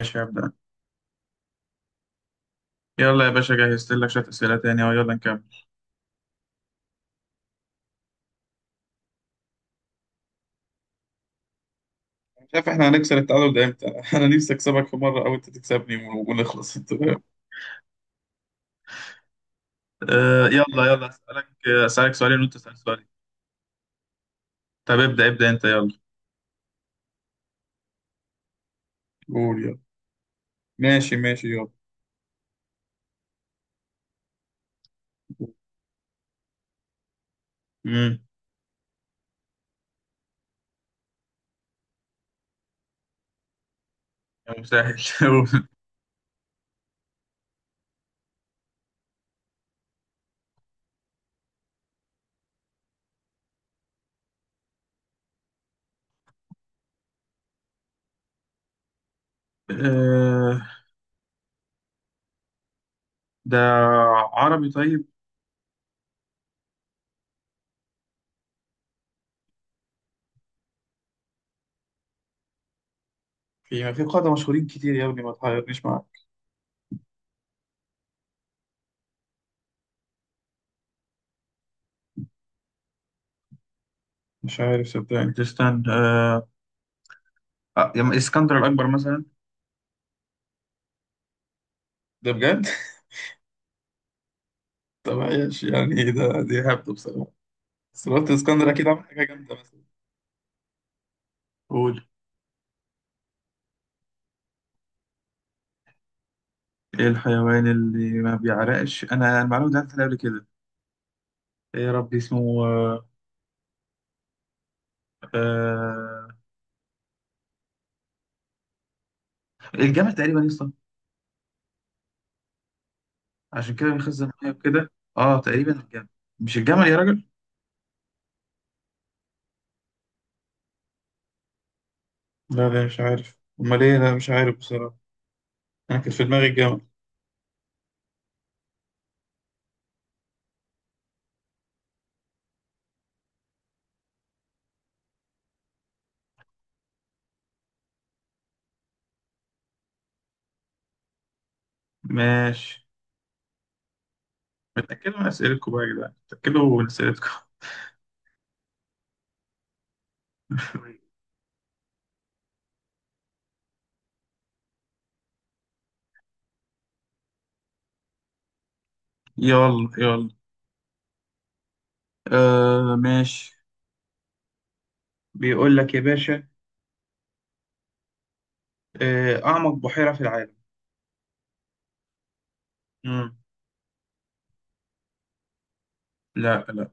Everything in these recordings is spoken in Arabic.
ماشي، هبدأ. يلا يا باشا، جهزت لك شوية أسئلة تاني أهو، يلا نكمل. مش عارف احنا هنكسر التعادل ده امتى انا نفسي اكسبك في مره او انت تكسبني ونخلص انت فاهم؟ أه، يلا أسألك. أسألك سؤالين وأنت تسأل سؤالين. طب ابدأ أنت يلا. قول يلا. ماشي يلا. امم يا مسهل أه، ده عربي طيب. في قادة مشهورين كتير يا ابني، ما تحيرنيش معاك. مش عارف صدقني، تستنى أه آه، يا إما اسكندر الأكبر مثلا. ده بجد. طب عايش يعني ايه ده، دي هبده بصراحه. سلطة اسكندر أكيد عمل حاجة جامدة مثلا. قول. ايه الحيوان اللي ما بيعرقش؟ انا المعلومه دي عدت عليها قبل كده. ايه يا ربي اسمه آه، الجمل تقريبا يا اسطى، عشان كده بيخزن ميه وكده. اه تقريبا الجمل. مش الجمل يا راجل. لا مش عارف أمال إيه، لا مش عارف بصراحة. أنا كنت في دماغي الجمل. ماشي. متاكدوا من اسئلتكم بقى يا جدعان، متاكدوا من اسئلتكم يلا، آه ماشي. بيقول لك يا باشا، آه، اعمق بحيره في العالم. مم. لا لا.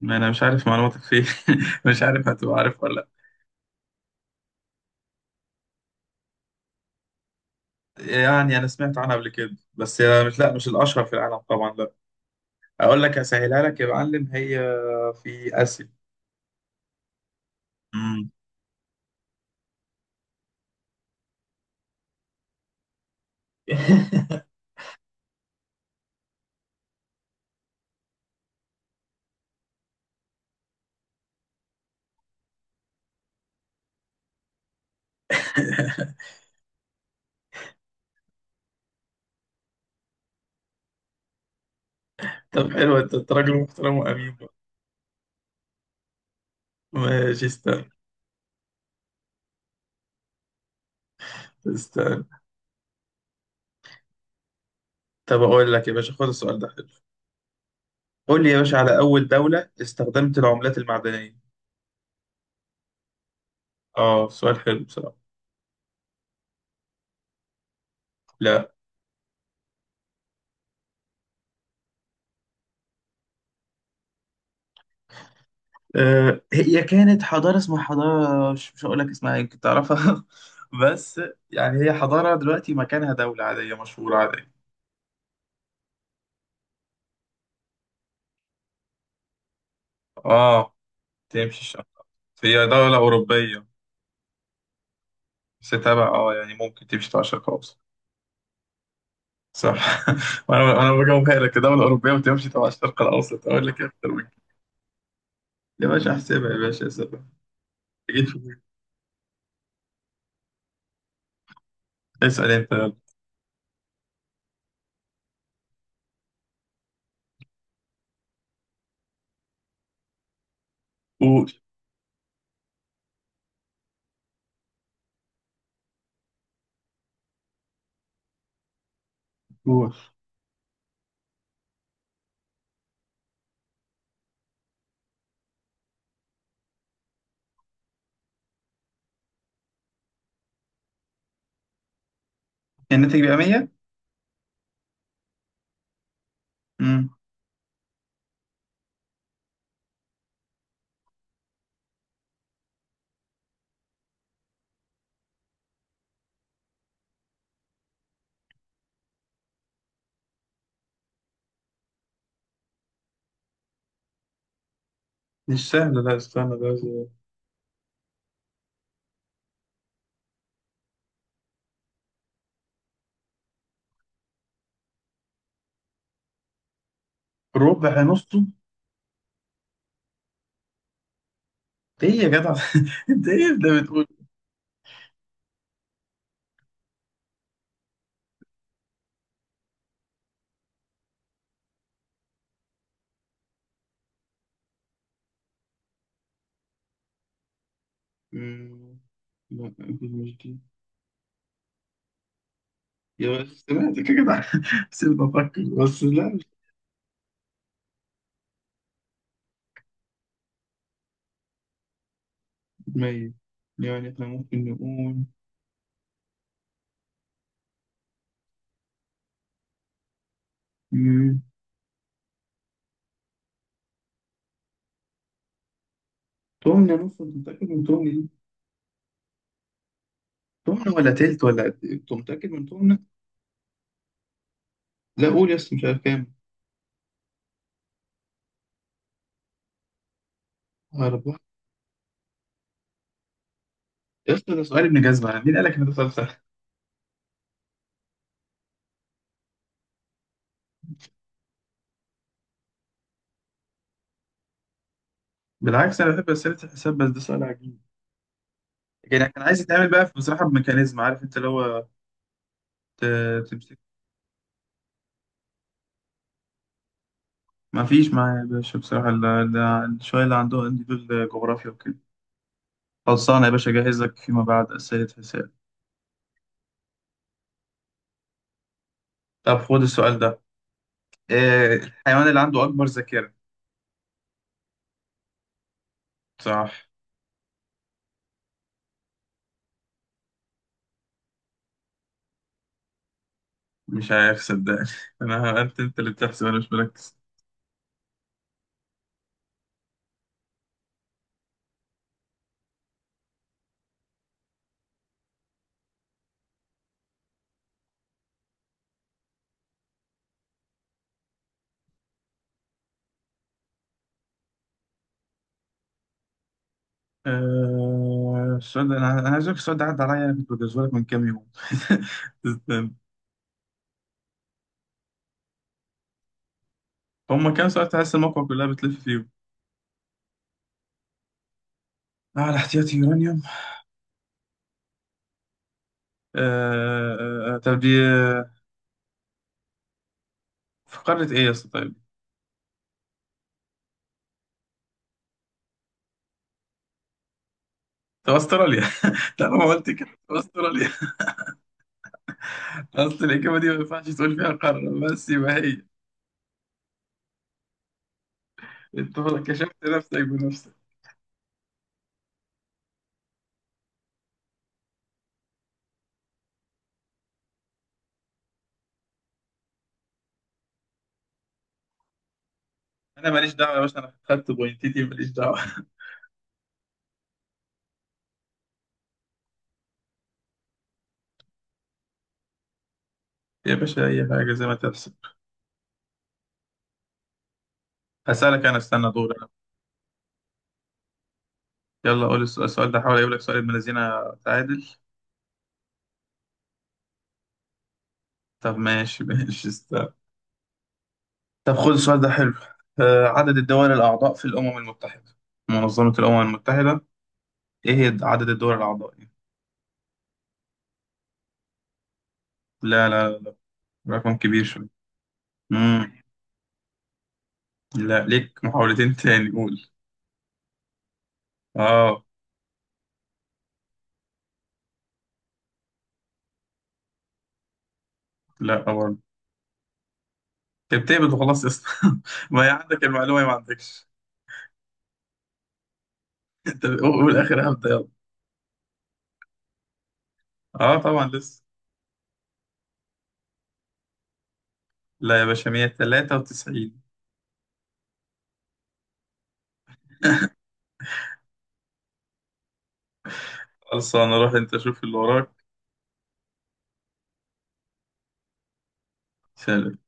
ما انا مش عارف معلوماتك فيه مش عارف هتبقى عارف ولا لا. يعني انا سمعت عنها قبل كده، بس هي مش، لا مش الاشهر في العالم طبعا لا. اقول لك اسهلها لك يا معلم، هي في اسيا. مم. طب حلو، انت أنت راجل محترم وامين بقى. ماشي استنى. طب اقول لك يا باشا، خد السؤال ده حلو. قول لي يا باشا على اول دولة استخدمت العملات المعدنية. اه سؤال حلو بصراحة. لا. آه، هي كانت حضارة، اسمها حضارة، مش هقول لك اسمها، يمكن تعرفها بس يعني هي حضارة دلوقتي مكانها دولة عادية مشهورة عادية. اه تمشي الشرق. هي دولة أوروبية، بس تبع اه يعني ممكن تمشي تبع الشرق الأوسط. صح وأنا بجاوبها لك دولة أوروبية وتمشي تبع الشرق الأوسط، أقول لك إيه أكتر من كده. يا باشا أحسبها، يا باشا أحسبها. جيت في بالي. اسأل أنت يلا. قول. قول. الناتج بيبقى 100. مم. مش سهل، لا استنى ده زي- ربع نصه. ايه يا جدع انت ايه ده بتقول؟ آه، لا أكيد مش دي. يا بس سمعتك، سمعتك يا جدع سيبني افكر، بس لا مش في دماغي. يعني احنا ممكن نقول، مم، تمنة مثلا. أنت متأكد من تمنة دي؟ تمنة ولا تلت ولا قد إيه؟ أنت متأكد من تمنة؟ لا قول يس، مش عارف كام. أربعة. يس، ده سؤال، سؤال ابن جزمة. مين قالك ان ده سؤال سهل؟ بالعكس انا بحب اسئله الحساب، بس ده سؤال عجيب. يعني كان عايز يتعمل بقى في- بصراحه بميكانيزم، عارف انت اللي هو ت- تمسكه. ما فيش معايا يا باشا بصراحة، ال- ده شوية. اللي عندهم عندي دول جغرافيا وكده. خلصانة يا باشا، أجهز لك فيما بعد أسئلة حساب. طب خد السؤال ده. إيه الحيوان اللي عنده أكبر ذاكرة؟ صح. مش عارف صدقني أنا أنت أنت اللي بتحسب، أنا مش مركز. آه، السؤال ده، أنا عايز أقول لك، السؤال ده عدى عليا، كنت بجهزه لك من كام يوم استنى. هما كام سؤال تحس الموقع كلها بتلف فيهم. اه الاحتياطي يورانيوم. طب دي آه، في قارة إيه يا اسطى طيب؟ في أستراليا. طالما قلت كده استراليا. اصل الاجابه دي ما ينفعش تقول فيها قاره بس يبقى هي. انت كشفت نفسك بنفسك. انا ماليش دعوه يا باشا، انا خدت بوينتيتي ماليش دعوه يا باشا اي حاجه زي ما تحصل. هسالك انا، استنى دور أنا. يلا قول السؤال. السؤال ده حاول اجيب لك سؤال ابن الذين. تعادل. طب ماشي ماشي استنى. طب خد السؤال ده حلو. آه، عدد الدول الاعضاء في الامم المتحده، منظمه الامم المتحده، ايه هي عدد الدول الاعضاء؟ لا، رقم كبير شويه. امم لا ليك محاولتين تاني، قول. اه. لا برضه. كانت بتقبض وخلاص يا اسطى ما هي عندك المعلومه يا ما عندكش انت قول اخر هبدا يلا. اه طبعا لسه. لا يا باشا، 193. خلاص انا اروح، انت شوف اللي وراك